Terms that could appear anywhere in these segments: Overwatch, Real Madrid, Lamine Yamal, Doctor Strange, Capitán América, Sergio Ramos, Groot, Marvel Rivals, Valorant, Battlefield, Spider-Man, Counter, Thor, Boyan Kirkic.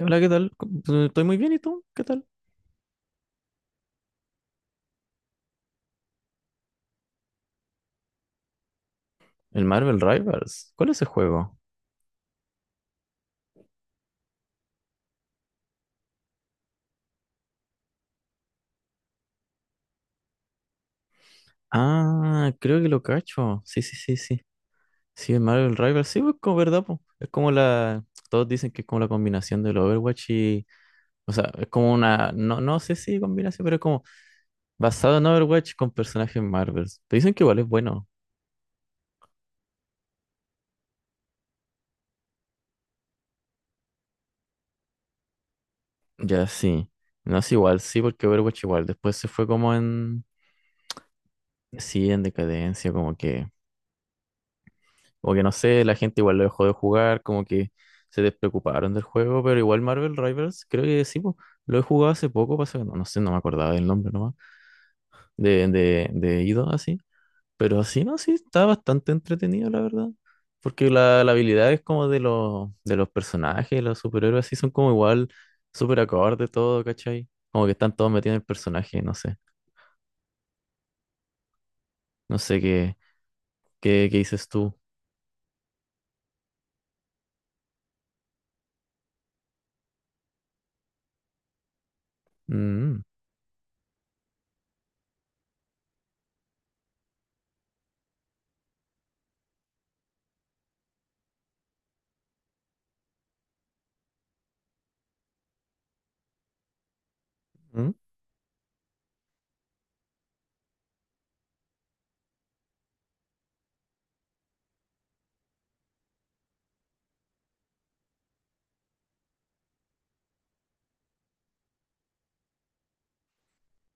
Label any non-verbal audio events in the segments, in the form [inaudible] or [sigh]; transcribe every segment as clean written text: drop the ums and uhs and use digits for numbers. Hola, ¿qué tal? Estoy muy bien, ¿y tú? ¿Qué tal? El Marvel Rivals. ¿Cuál es ese juego? Ah, creo que lo cacho. Sí, sí, sí, sí. Sí, el Marvel Rivals. Sí, pues como verdad, pues. Es como la. Todos dicen que es como la combinación del Overwatch y. O sea, es como una. No, no sé si combinación, pero es como basado en Overwatch con personajes Marvel. Te dicen que igual es bueno. Ya, sí. No es igual, sí, porque Overwatch igual. Después se fue como en. Sí, en decadencia, como que. Como que no sé, la gente igual lo dejó de jugar, como que se despreocuparon del juego, pero igual Marvel Rivals, creo que sí, po, lo he jugado hace poco, pasa que no sé, no me acordaba del nombre nomás, de Ido, así. Pero así no, sí, está bastante entretenido, la verdad. Porque la habilidad es como de los personajes, los superhéroes, así son como igual, súper acorde todo, ¿cachai? Como que están todos metidos en el personaje, no sé. No sé qué dices tú. Mm, mm,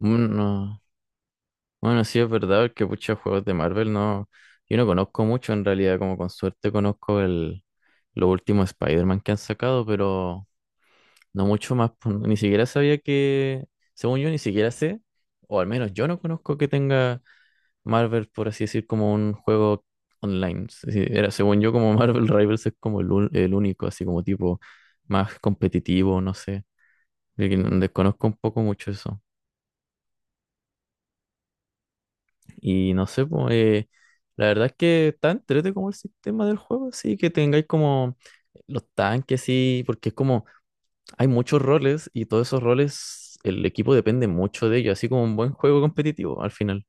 no. Bueno, sí es verdad que muchos juegos de Marvel no, yo no conozco mucho en realidad, como con suerte conozco el, los últimos Spider-Man que han sacado, pero no mucho más, pues, ni siquiera sabía que, según yo ni siquiera sé, o al menos yo no conozco que tenga Marvel, por así decir, como un juego online. Es decir, era, según yo, como [laughs] Marvel Rivals es como el único, así como tipo más competitivo, no sé, de que desconozco un poco mucho eso. Y no sé, pues, la verdad es que está entrete como el sistema del juego, así que tengáis como los tanques, sí, porque es como hay muchos roles y todos esos roles, el equipo depende mucho de ellos, así como un buen juego competitivo al final.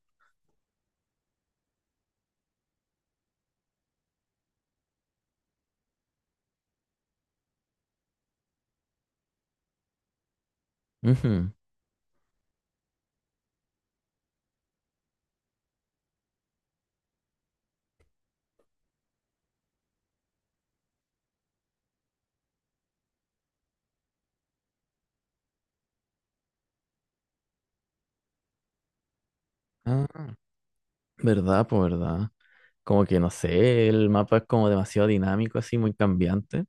Ujú. Ah, verdad, pues verdad. Como que no sé, el mapa es como demasiado dinámico, así muy cambiante.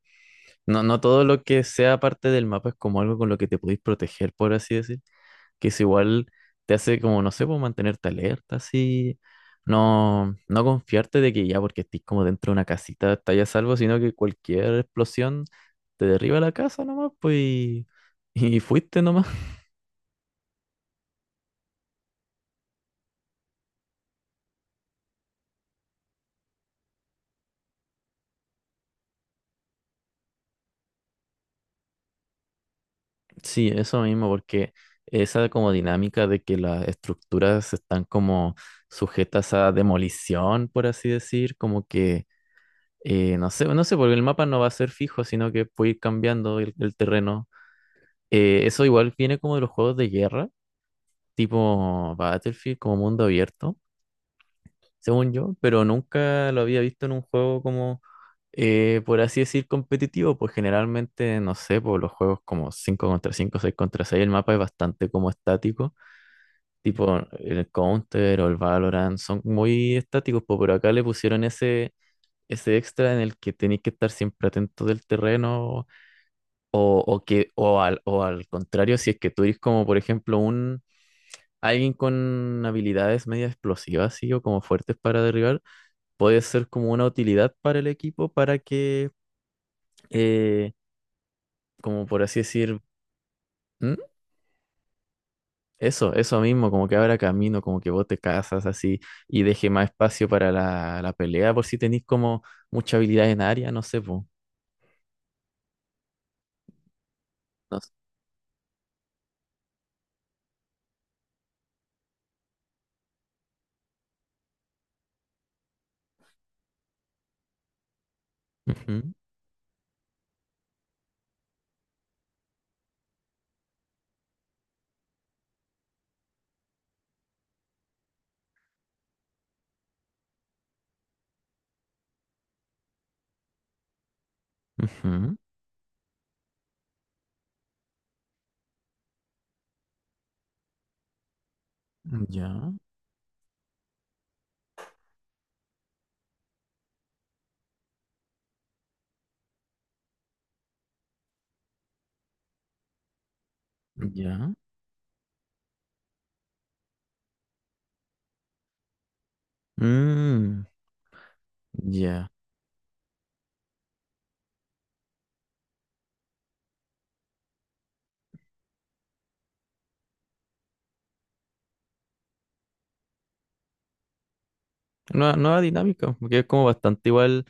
No, no todo lo que sea parte del mapa es como algo con lo que te podéis proteger, por así decir. Que eso igual te hace como, no sé, pues mantenerte alerta, así, no confiarte de que ya porque estés como dentro de una casita estás a salvo, sino que cualquier explosión te derriba la casa nomás, pues, y, [laughs] y fuiste nomás. Sí, eso mismo, porque esa como dinámica de que las estructuras están como sujetas a demolición, por así decir, como que, no sé, no sé, porque el mapa no va a ser fijo, sino que puede ir cambiando el terreno. Eso igual viene como de los juegos de guerra, tipo Battlefield, como mundo abierto, según yo, pero nunca lo había visto en un juego como, por así decir, competitivo, pues generalmente, no sé, por los juegos como 5 contra 5, 6 contra 6 el mapa es bastante como estático, tipo el Counter o el Valorant, son muy estáticos, pues, pero acá le pusieron ese... Ese extra en el que tenéis que estar siempre atento del terreno o al contrario si es que tú eres como por ejemplo un alguien con habilidades media explosivas, sí, o como fuertes para derribar, puede ser como una utilidad para el equipo para que, eh, como por así decir, ¿Mm? Eso mismo, como que abra camino, como que vos te casas así y deje más espacio para la pelea, por si tenéis como mucha habilidad en área, no sé, pues. Ujú, ujú. Ya, ya. Mm, ya. Nueva, nueva dinámica, porque es como bastante igual.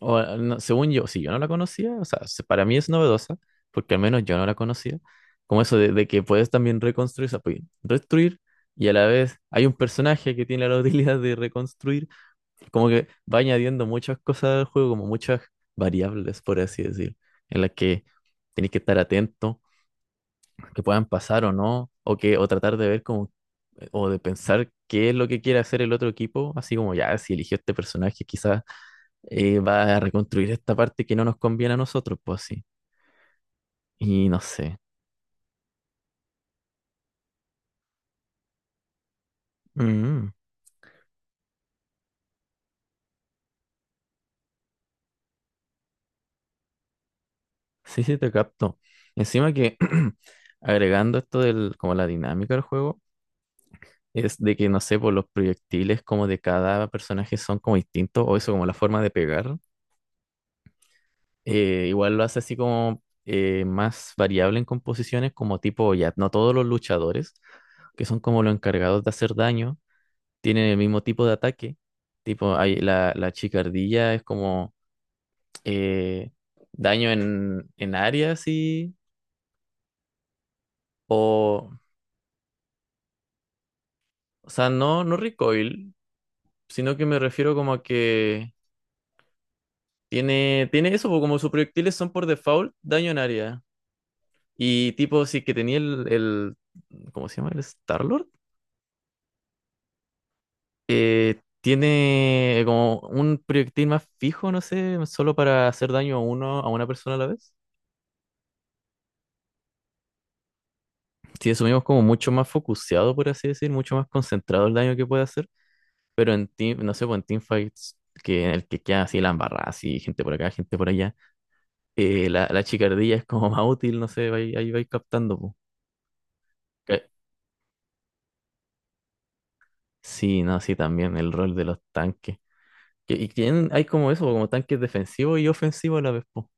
O, no, según yo, si yo no la conocía, o sea, se- para mí es novedosa, porque al menos yo no la conocía, como eso de que puedes también reconstruir, o sea, puedes destruir y a la vez hay un personaje que tiene la [laughs] utilidad de reconstruir, como que va añadiendo muchas cosas al juego, como muchas variables, por así decir, en las que tienes que estar atento que puedan pasar o no, o tratar de ver como, o de pensar qué es lo que quiere hacer el otro equipo, así como ya, si eligió este personaje, quizás va a reconstruir esta parte que no nos conviene a nosotros, pues así. Y no sé. Mm, sí, sí, te capto. Encima que [clears throat] agregando esto del, como la dinámica del juego, es de que, no sé, por los proyectiles como de cada personaje son como distintos, o eso como la forma de pegar, igual lo hace así como más variable en composiciones, como tipo, ya, no todos los luchadores, que son como los encargados de hacer daño, tienen el mismo tipo de ataque. Tipo, hay, la chicardilla es como eh, daño en área, así, o, o sea, no, no recoil, sino que me refiero como a que tiene eso, po, como sus proyectiles son por default daño en área. Y tipo, sí que tenía el ¿cómo se llama? ¿El Star tiene como un proyectil más fijo, no sé, solo para hacer daño a uno, a una persona a la vez. Si asumimos como mucho más focuseado, por así decir, mucho más concentrado el daño que puede hacer, pero en team, no sé, pues en teamfights, que en el que queda así la embarrada, así gente por acá, gente por allá, la chicardilla es como [laughs] más útil, no sé, ahí, ahí vais captando, po. Eh, Sí, no, sí, también el rol de los tanques. Y tienen, hay como eso, como tanques defensivos y ofensivos a la vez, po.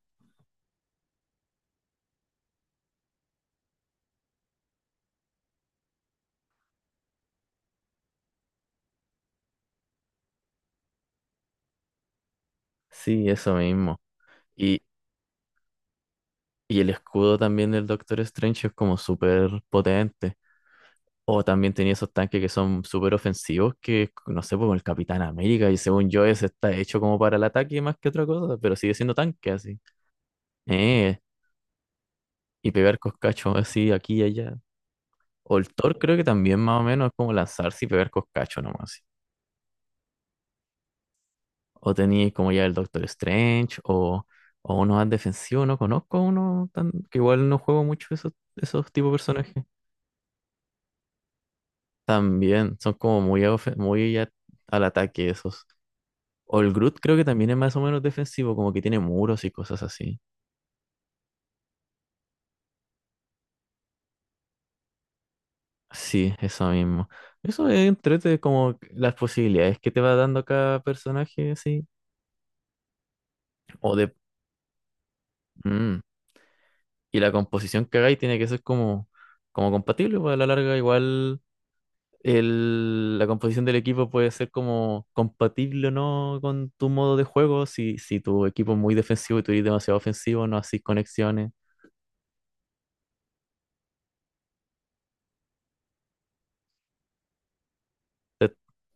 Sí, eso mismo. Y el escudo también del Doctor Strange es como súper potente. O también tenía esos tanques que son súper ofensivos, que no sé, como el Capitán América, y según yo ese está hecho como para el ataque más que otra cosa, pero sigue siendo tanque así. Eh, y pegar coscachos así aquí y allá. O el Thor creo que también más o menos es como lanzarse y pegar coscachos nomás. Así. O tenía como ya el Doctor Strange, o uno más defensivo, no conozco uno tan, que igual no juego mucho esos, esos tipos de personajes. También son como muy, muy al ataque esos. O el Groot creo que también es más o menos defensivo, como que tiene muros y cosas así. Sí, eso mismo. Eso es entrete como las posibilidades que te va dando cada personaje, así. O de... mm. Y la composición que hagáis tiene que ser como, como compatible, pues a la larga igual el, la composición del equipo puede ser como compatible o no con tu modo de juego. Si tu equipo es muy defensivo y tú eres demasiado ofensivo, no haces conexiones. Ya,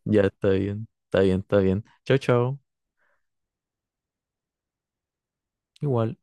ya está bien, está bien, está bien. Chao, chao. Igual.